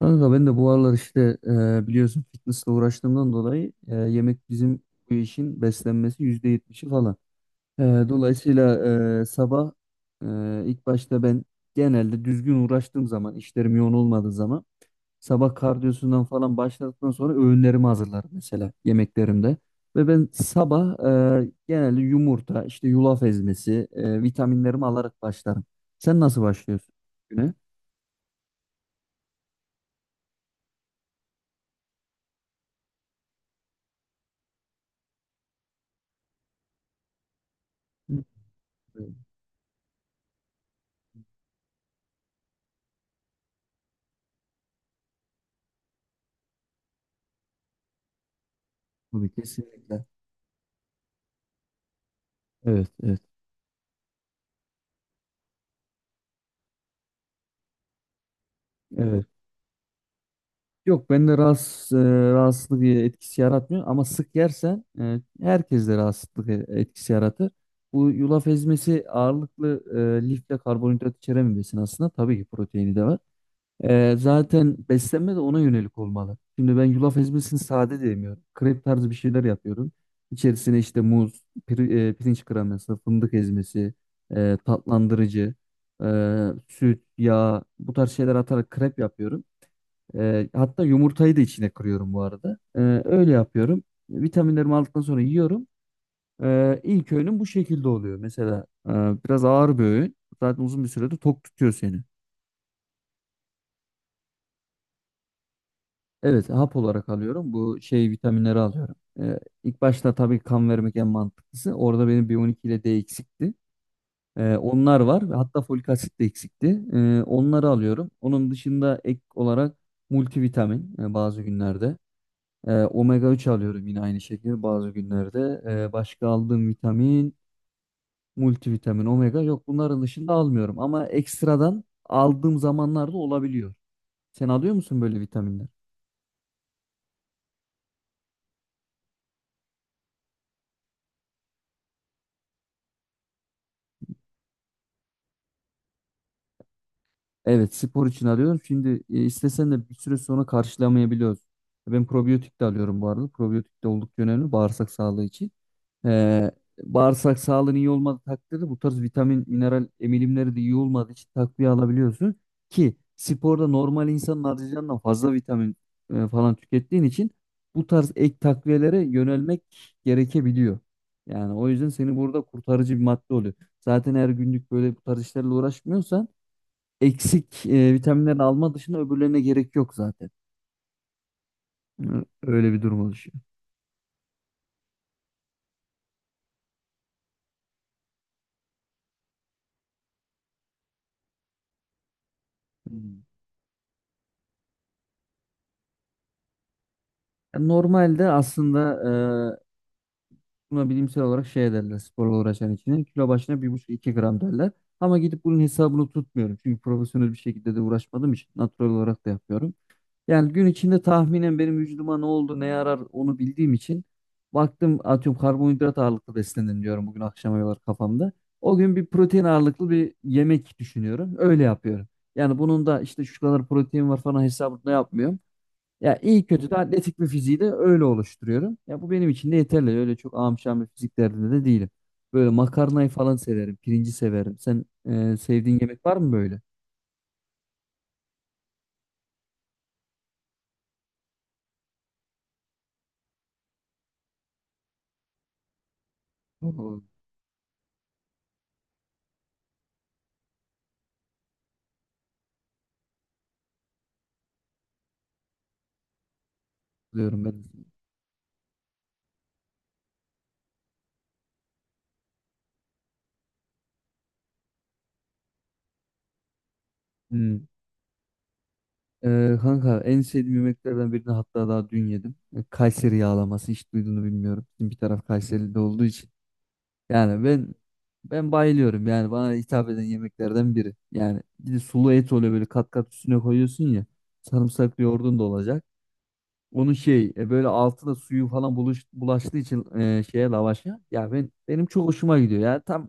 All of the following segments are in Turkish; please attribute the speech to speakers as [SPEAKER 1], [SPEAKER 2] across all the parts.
[SPEAKER 1] Kanka ben de bu aralar işte biliyorsun fitnessle uğraştığımdan dolayı, yemek bizim bu işin beslenmesi %70'i falan. E, Dolayısıyla sabah ilk başta ben genelde düzgün uğraştığım zaman, işlerim yoğun olmadığı zaman sabah kardiyosundan falan başladıktan sonra öğünlerimi hazırlarım, mesela yemeklerimde. Ve ben sabah genelde yumurta, işte yulaf ezmesi, vitaminlerimi alarak başlarım. Sen nasıl başlıyorsun güne? Hı. Tabii, kesinlikle. Evet, evet. Evet. Yok, bende rahatsız, rahatsızlık etkisi yaratmıyor ama sık yersen herkeste rahatsızlık etkisi yaratır. Bu yulaf ezmesi ağırlıklı lif ve karbonhidrat içeren bir besin aslında. Tabii ki proteini de var. Zaten beslenme de ona yönelik olmalı. Şimdi ben yulaf ezmesini sade de yemiyorum. Krep tarzı bir şeyler yapıyorum. İçerisine işte muz, pirinç kreması, fındık ezmesi, tatlandırıcı, e, süt, yağ, bu tarz şeyler atarak krep yapıyorum. Hatta yumurtayı da içine kırıyorum bu arada. Öyle yapıyorum. Vitaminlerimi aldıktan sonra yiyorum. İlk öğünüm bu şekilde oluyor. Mesela biraz ağır bir öğün. Zaten uzun bir sürede tok tutuyor seni. Evet, hap olarak alıyorum. Bu şey vitaminleri alıyorum. İlk başta tabii kan vermek en mantıklısı. Orada benim B12 ile D eksikti. Onlar var ve hatta folik asit de eksikti. Onları alıyorum. Onun dışında ek olarak multivitamin bazı günlerde. Omega 3 alıyorum yine aynı şekilde bazı günlerde. Başka aldığım vitamin, multivitamin, omega yok. Bunların dışında almıyorum ama ekstradan aldığım zamanlarda olabiliyor. Sen alıyor musun böyle vitaminler? Evet, spor için alıyorum. Şimdi istesen de bir süre sonra karşılamayabiliyoruz. Ben probiyotik de alıyorum bu arada. Probiyotik de oldukça önemli bağırsak sağlığı için. Ee, Bağırsak sağlığın iyi olmadığı takdirde bu tarz vitamin, mineral emilimleri de iyi olmadığı için takviye alabiliyorsun. Ki sporda normal insanın harcayacağından fazla vitamin falan tükettiğin için bu tarz ek takviyelere yönelmek gerekebiliyor. Yani o yüzden seni burada kurtarıcı bir madde oluyor. Zaten her günlük böyle bu tarz işlerle uğraşmıyorsan eksik vitaminlerini alma dışında öbürlerine gerek yok zaten. Hı. Öyle bir durum oluşuyor. Hmm. Normalde aslında e, buna bilimsel olarak şey derler, sporla uğraşan için. Kilo başına 1,5 2 gram derler. Ama gidip bunun hesabını tutmuyorum. Çünkü profesyonel bir şekilde de uğraşmadığım için natural olarak da yapıyorum. Yani gün içinde tahminen benim vücuduma ne oldu, ne yarar onu bildiğim için baktım, atıyorum karbonhidrat ağırlıklı beslenin diyorum bugün akşama kadar kafamda. O gün bir protein ağırlıklı bir yemek düşünüyorum. Öyle yapıyorum. Yani bunun da işte şu kadar protein var falan hesabını da yapmıyorum. Ya iyi kötü de atletik bir fiziği de öyle oluşturuyorum. Ya bu benim için de yeterli. Öyle çok amşan bir fizik derdinde de değilim. Böyle makarnayı falan severim. Pirinci severim. Sen sevdiğin yemek var mı böyle? Oo. Diyorum ben. Hmm. Kanka en sevdiğim yemeklerden birini hatta daha dün yedim. Kayseri yağlaması, hiç duyduğunu bilmiyorum. Bizim bir taraf Kayseri'de olduğu için. Yani ben bayılıyorum. Yani bana hitap eden yemeklerden biri. Yani bir de sulu et oluyor, böyle kat kat üstüne koyuyorsun ya. Sarımsaklı yoğurdun da olacak. Onun şey böyle altı da suyu falan bulaştığı için şeye, lavaşa. Ya ben, benim çok hoşuma gidiyor. Ya tam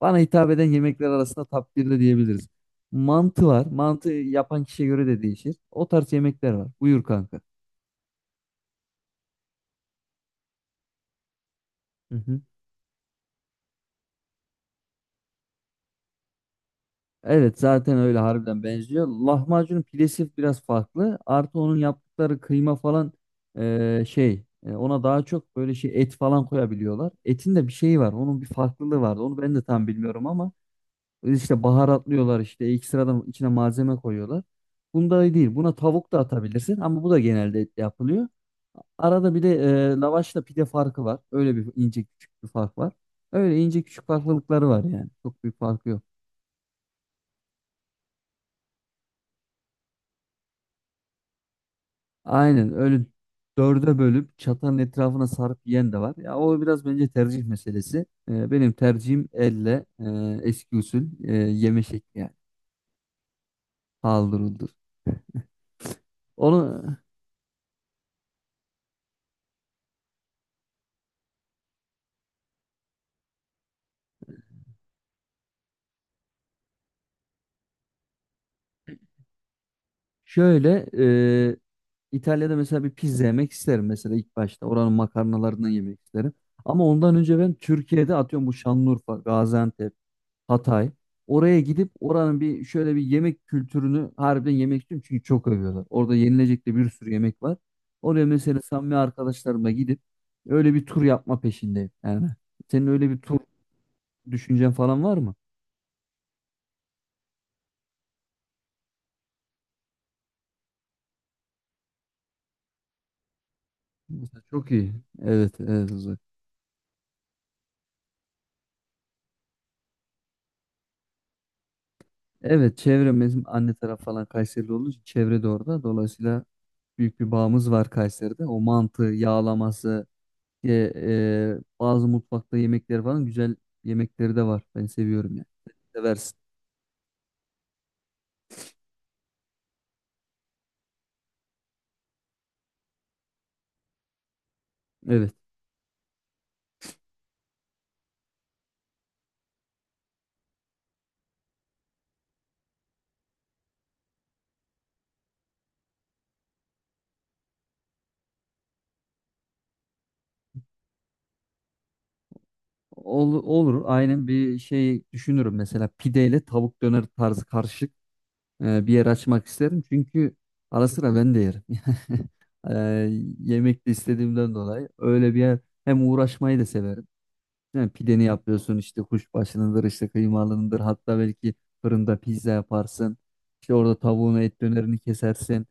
[SPEAKER 1] bana hitap eden yemekler arasında top 1'de diyebiliriz. Mantı var. Mantı yapan kişiye göre de değişir. O tarz yemekler var. Buyur kanka. Hı hı. Evet, zaten öyle harbiden benziyor. Lahmacunun pidesi biraz farklı. Artı onun yaptıkları kıyma falan, ona daha çok böyle şey et falan koyabiliyorlar. Etin de bir şeyi var. Onun bir farklılığı vardı. Onu ben de tam bilmiyorum ama İşte baharatlıyorlar, işte ekstradan içine malzeme koyuyorlar. Bunda değil. Buna tavuk da atabilirsin ama bu da genelde etle yapılıyor. Arada bir de lavaşla pide farkı var. Öyle bir ince küçük bir fark var. Öyle ince küçük farklılıkları var yani. Çok büyük farkı yok. Aynen öyle, dörde bölüp çatanın etrafına sarıp yiyen de var. Ya o biraz bence tercih meselesi. Benim tercihim elle, eski usul yeme şekli yani. Paldır uldur. Onu şöyle, e, İtalya'da mesela bir pizza yemek isterim mesela ilk başta. Oranın makarnalarından yemek isterim. Ama ondan önce ben Türkiye'de, atıyorum, bu Şanlıurfa, Gaziantep, Hatay. Oraya gidip oranın bir şöyle bir yemek kültürünü harbiden yemek istiyorum. Çünkü çok övüyorlar. Orada yenilecek de bir sürü yemek var. Oraya mesela samimi arkadaşlarımla gidip öyle bir tur yapma peşindeyim. Yani senin öyle bir tur düşüncen falan var mı? Mesela çok iyi. Evet, evet. Evet, çevrem, bizim anne taraf falan Kayserili olduğu için çevre de orada. Dolayısıyla büyük bir bağımız var Kayseri'de. O mantı, yağlaması, bazı mutfakta yemekleri falan güzel yemekleri de var. Ben seviyorum yani. Seversin. Evet. Olur. Aynen bir şey düşünürüm. Mesela pideyle tavuk döner tarzı karışık bir yer açmak isterim. Çünkü ara sıra ben de yerim. E, Yemek de istediğimden dolayı öyle bir yer, hem uğraşmayı da severim. Yani pideni yapıyorsun, işte kuşbaşınıdır, işte kıymalındır, hatta belki fırında pizza yaparsın. İşte orada tavuğunu, et dönerini kesersin.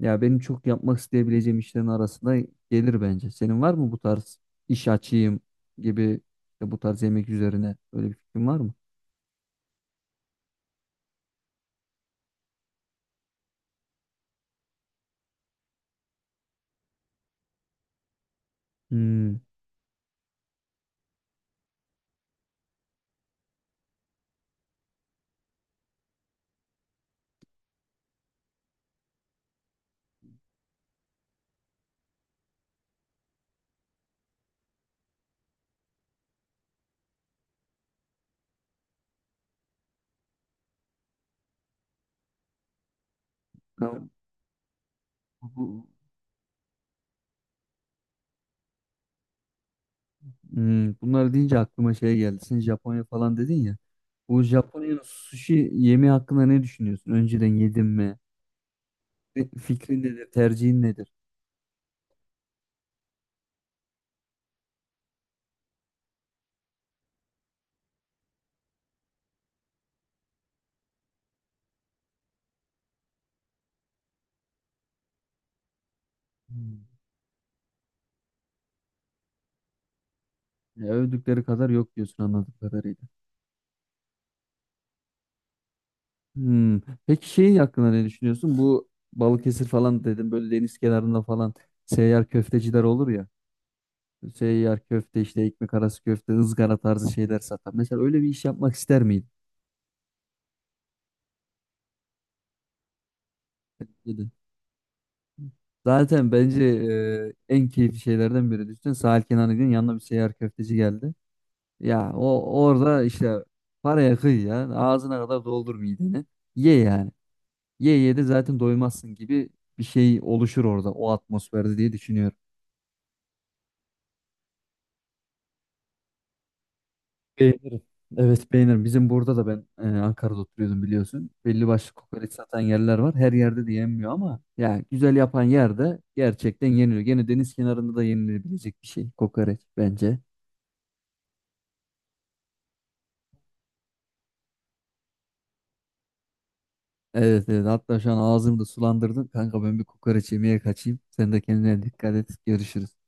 [SPEAKER 1] Ya benim çok yapmak isteyebileceğim işlerin arasında gelir bence. Senin var mı bu tarz iş açayım gibi, işte bu tarz yemek üzerine öyle bir fikrin var mı? Hmm. Tamam. Bu- bu- Hmm. Bunları deyince aklıma şey geldi. Sen Japonya falan dedin ya. Bu Japonya'nın sushi yemeği hakkında ne düşünüyorsun? Önceden yedin mi? Fikrin nedir? Tercihin nedir? Hmm. Ya övdükleri kadar yok diyorsun anladığım kadarıyla. Hmm. Peki şey hakkında ne düşünüyorsun? Bu Balıkesir falan dedim, böyle deniz kenarında falan seyyar köfteciler olur ya. Seyyar köfte, işte ekmek arası köfte, ızgara tarzı şeyler satan. Mesela öyle bir iş yapmak ister miydin? Bence de. Zaten bence en keyifli şeylerden biri. Düşünsene sahil kenarına gidiyorsun, yanına bir seyyar köfteci geldi. Ya o orada işte paraya kıy ya, ağzına kadar doldur mideni. Ye yani. Ye ye de zaten doymazsın gibi bir şey oluşur orada, o atmosferde diye düşünüyorum. Beğenirim. Evet, beğenirim. Bizim burada da ben Ankara'da oturuyordum biliyorsun. Belli başlı kokoreç satan yerler var. Her yerde de yenmiyor ama ya güzel yapan yerde gerçekten yeniliyor. Gene deniz kenarında da yenilebilecek bir şey kokoreç bence. Evet, evet, hatta şu an ağzımı da sulandırdın. Kanka ben bir kokoreç yemeye kaçayım. Sen de kendine dikkat et. Görüşürüz.